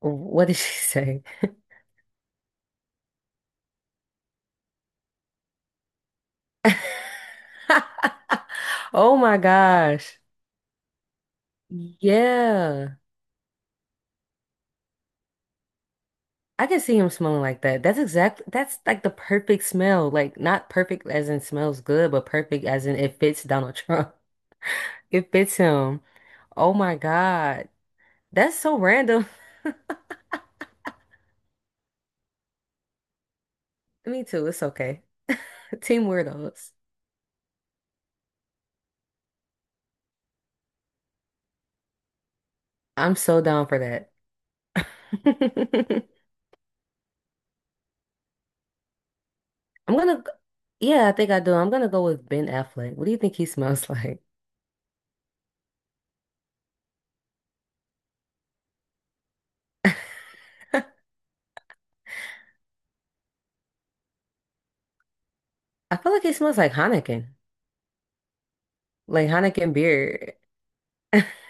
What did she say? Oh my gosh. Yeah. I can see him smelling like that. That's like the perfect smell. Like not perfect as in smells good, but perfect as in it fits Donald Trump. It fits him. Oh my God. That's so random. Me too. It's okay. Team weirdos. I'm so down for that. I'm gonna, yeah, I think I do. I'm gonna go with Ben Affleck. What do you think he smells like? I feel like he smells like Heineken. Like Heineken beer.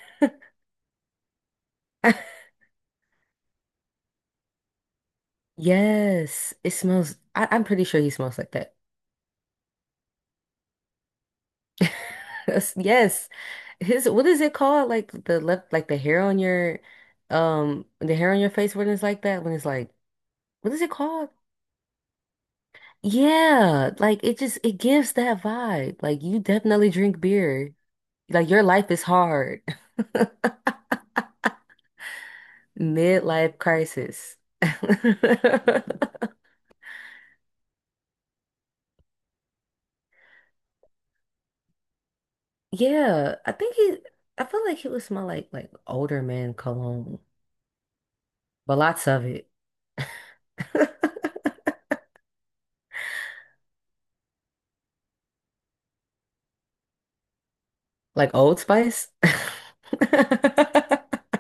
Yes, it smells. I'm pretty sure he smells like that. Yes, yes. His what is it called? Like the left, like the hair on your, the hair on your face when it's like that. When it's like, what is it called? Yeah, like it gives that vibe. Like you definitely drink beer. Like your life is hard. Midlife crisis. Yeah, I think he, I feel like he would smell like older man cologne, but lots of it, like Old Spice.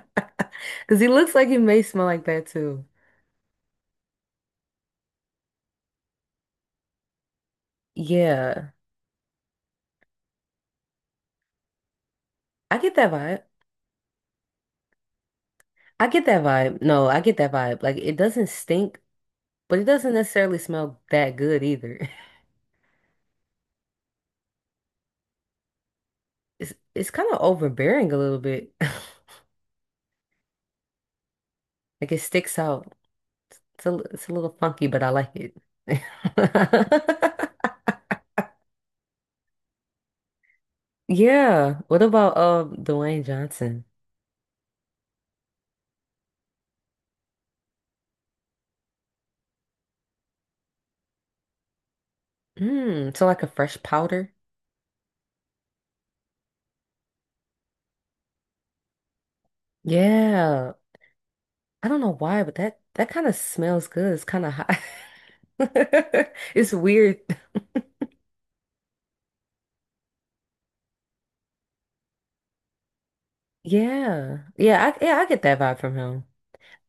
Because he looks like he may smell like that too. Yeah, I get that vibe. I get that vibe. No, I get that vibe. Like it doesn't stink, but it doesn't necessarily smell that good either. It's kind of overbearing a little bit. Like it sticks out. It's a little funky, but I like it. Yeah. What about Dwayne Johnson? Mm, so like a fresh powder? Yeah. I don't know why, but that kind of smells good. It's kind of hot. It's weird. Yeah. I get that vibe from him.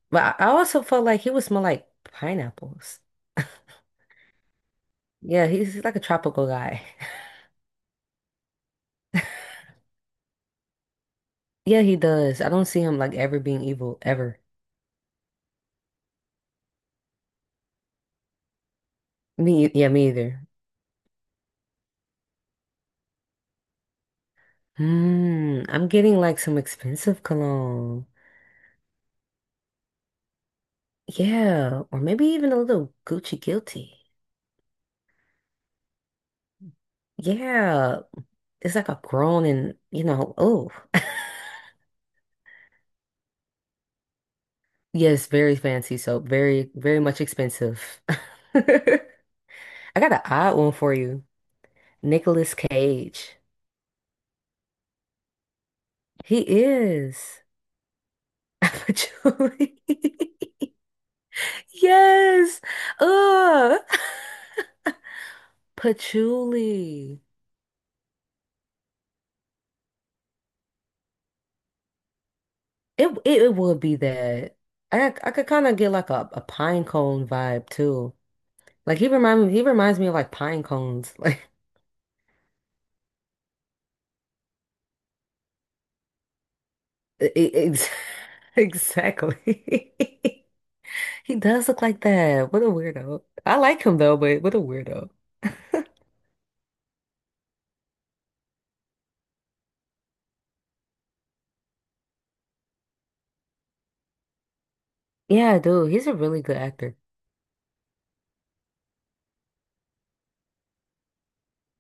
But I also felt like he would smell like pineapples. Yeah, he's like a tropical guy. Yeah, he does. I don't see him like ever being evil ever. Me either. Hmm, I'm getting like some expensive cologne. Yeah, or maybe even a little Gucci guilty. Yeah, it's like a grown and, you know, oh. Yes, very fancy soap, very, very much expensive. I got an odd one for you. Nicolas Cage. He is. Patchouli. Yes. Ugh. Patchouli. It would be that. I could kind of get like a pine cone vibe too. Like he reminds me of like pine cones. Like e- e- ex exactly. He does look like that. What a weirdo. I like him though, but what a weirdo. Yeah, dude, he's a really good actor.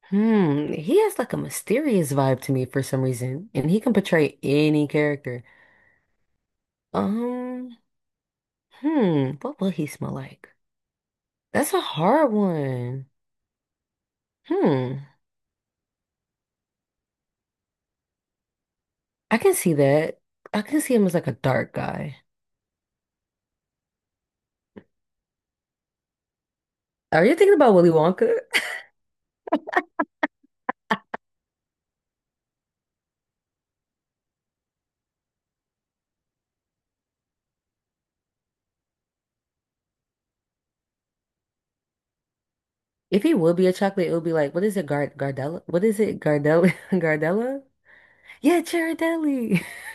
Hmm, he has like a mysterious vibe to me for some reason, and he can portray any character. Um, what will he smell like? That's a hard one. Hmm, I can see that. I can see him as like a dark guy. Are you thinking about Willy Wonka? If it would be a chocolate, it would be like, what is it, Gar Gardella? What is it, Gardella? Gardella? Yeah, Ghirardelli.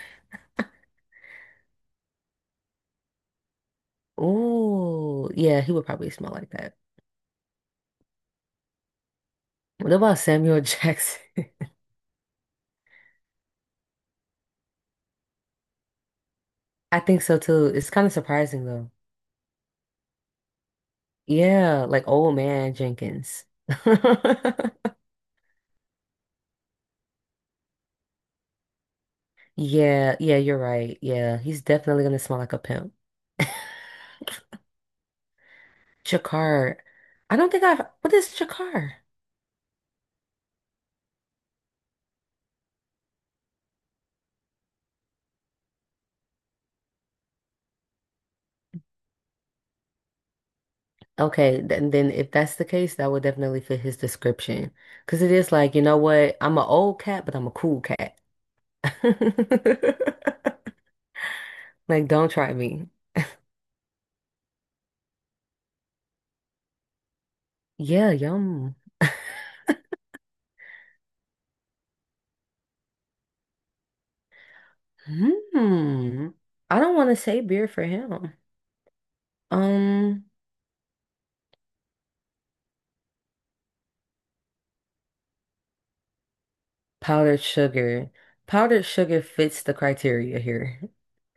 Oh, yeah, he would probably smell like that. What about Samuel Jackson? I think so too. It's kind of surprising though. Yeah, like old man Jenkins. Yeah, you're right. Yeah, he's definitely gonna smell like a pimp. Jakar. I don't think I've, What is Jakar? Okay, then if that's the case, that would definitely fit his description. Because it is like, you know what? I'm an old cat, but I'm a cool cat. Like, don't try me. Yeah, yum. Hmm. I don't want to say beer for him. Um, powdered sugar. Powdered sugar fits the criteria here.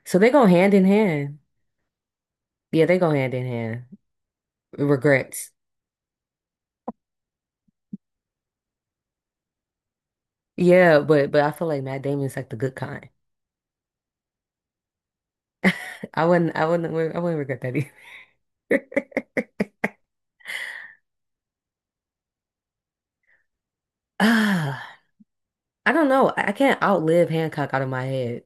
So they go hand in hand. Yeah, they go hand in hand. Regrets. Yeah, but I feel like Matt Damon's like the good kind. I wouldn't I wouldn't I wouldn't regret that either. Ah, I don't know. I can't outlive Hancock out of my head.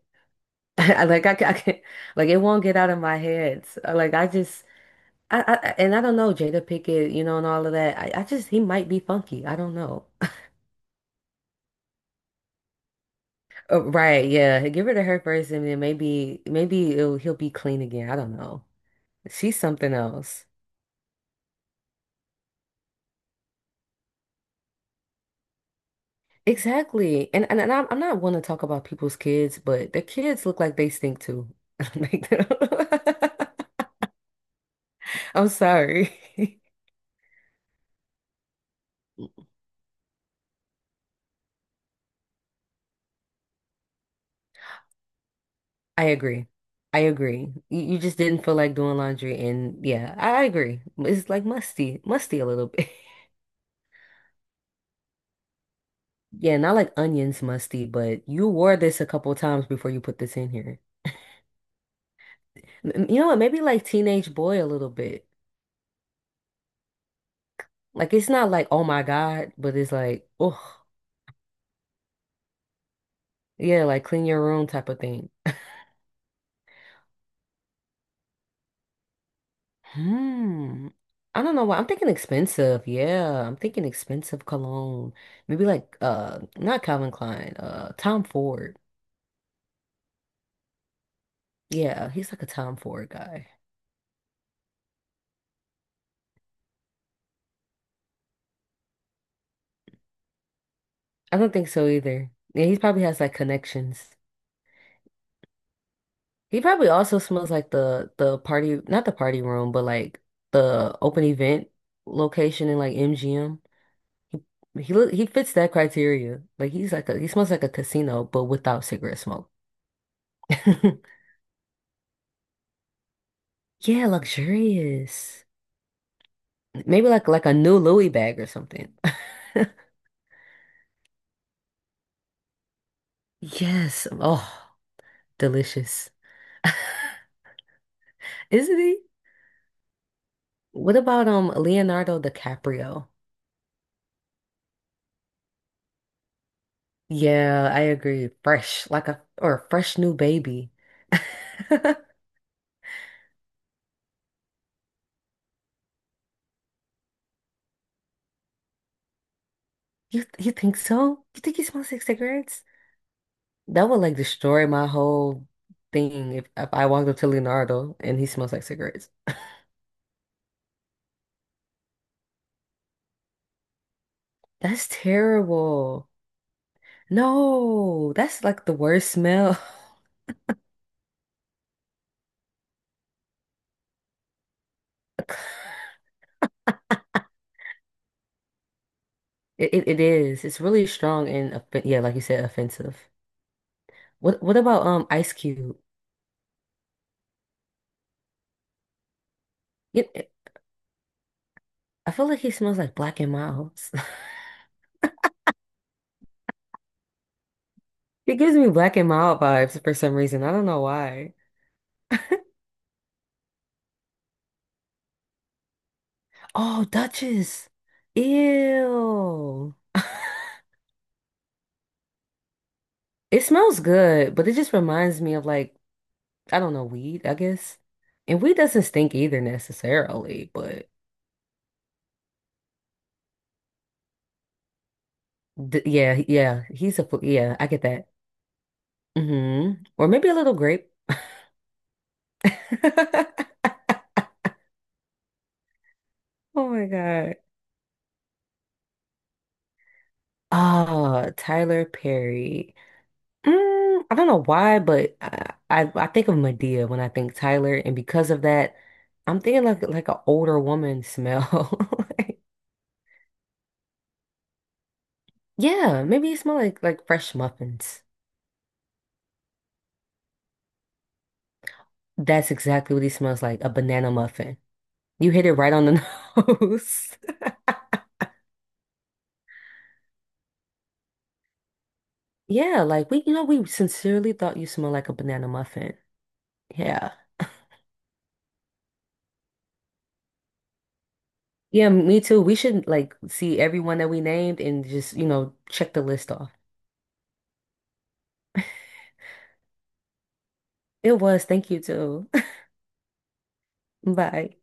I can't, like it won't get out of my head. So, like I just, I- And I don't know Jada Pickett, you know, and all of that. He might be funky. I don't know. Oh, right? Yeah, give her to her first, and then maybe, maybe he'll be clean again. I don't know. She's something else. Exactly. I'm not one to talk about people's kids, but their kids look like they stink too. Like, I'm sorry. I agree. I agree. You just didn't feel like doing laundry, and yeah, I agree. It's like musty, musty a little bit. Yeah, not like onions musty, but you wore this a couple times before you put this in here. You know what? Maybe like teenage boy a little bit. Like it's not like oh my God, but it's like oh yeah, like clean your room type of thing. Hmm. I don't know why. I'm thinking expensive. Yeah, I'm thinking expensive cologne. Maybe like not Calvin Klein, Tom Ford. Yeah, he's like a Tom Ford guy. I don't think so either. Yeah, he probably has like connections. He probably also smells like the party, not the party room, but like the open event location in like MGM. He fits that criteria. Like he's like a he smells like a casino, but without cigarette smoke. Yeah, luxurious. Maybe like a new Louis bag or something. Yes. Oh, delicious. Isn't he? What about Leonardo DiCaprio? Yeah, I agree. Fresh, like a or a fresh new baby. You think so? You think he smells like cigarettes? That would like destroy my whole thing if, I walked up to Leonardo and he smells like cigarettes. That's terrible. No, that's like the worst smell. It is. It's really strong and offen- yeah, like you said, offensive. What about Ice Cube? It, it- I feel like he smells like Black and Milds. It gives me Black and Mild vibes for some reason. I don't know why. Oh, Duchess. Ew. It smells good, but it just reminds me of like, I don't know, weed, I guess. And weed doesn't stink either necessarily, but he's a, fu- yeah, I get that. Hmm. Or maybe a little grape. Oh my God. Ah, Tyler Perry. Mm, I don't know why, but I think of Medea when I think Tyler, and because of that, I'm thinking like an older woman smell. Yeah, maybe it smells like fresh muffins. That's exactly what he smells like, a banana muffin. You hit it right on the nose. Yeah, like we, you know, we sincerely thought you smelled like a banana muffin. Yeah. Yeah, me too. We should like see everyone that we named and just, you know, check the list off. It was. Thank you too. Bye.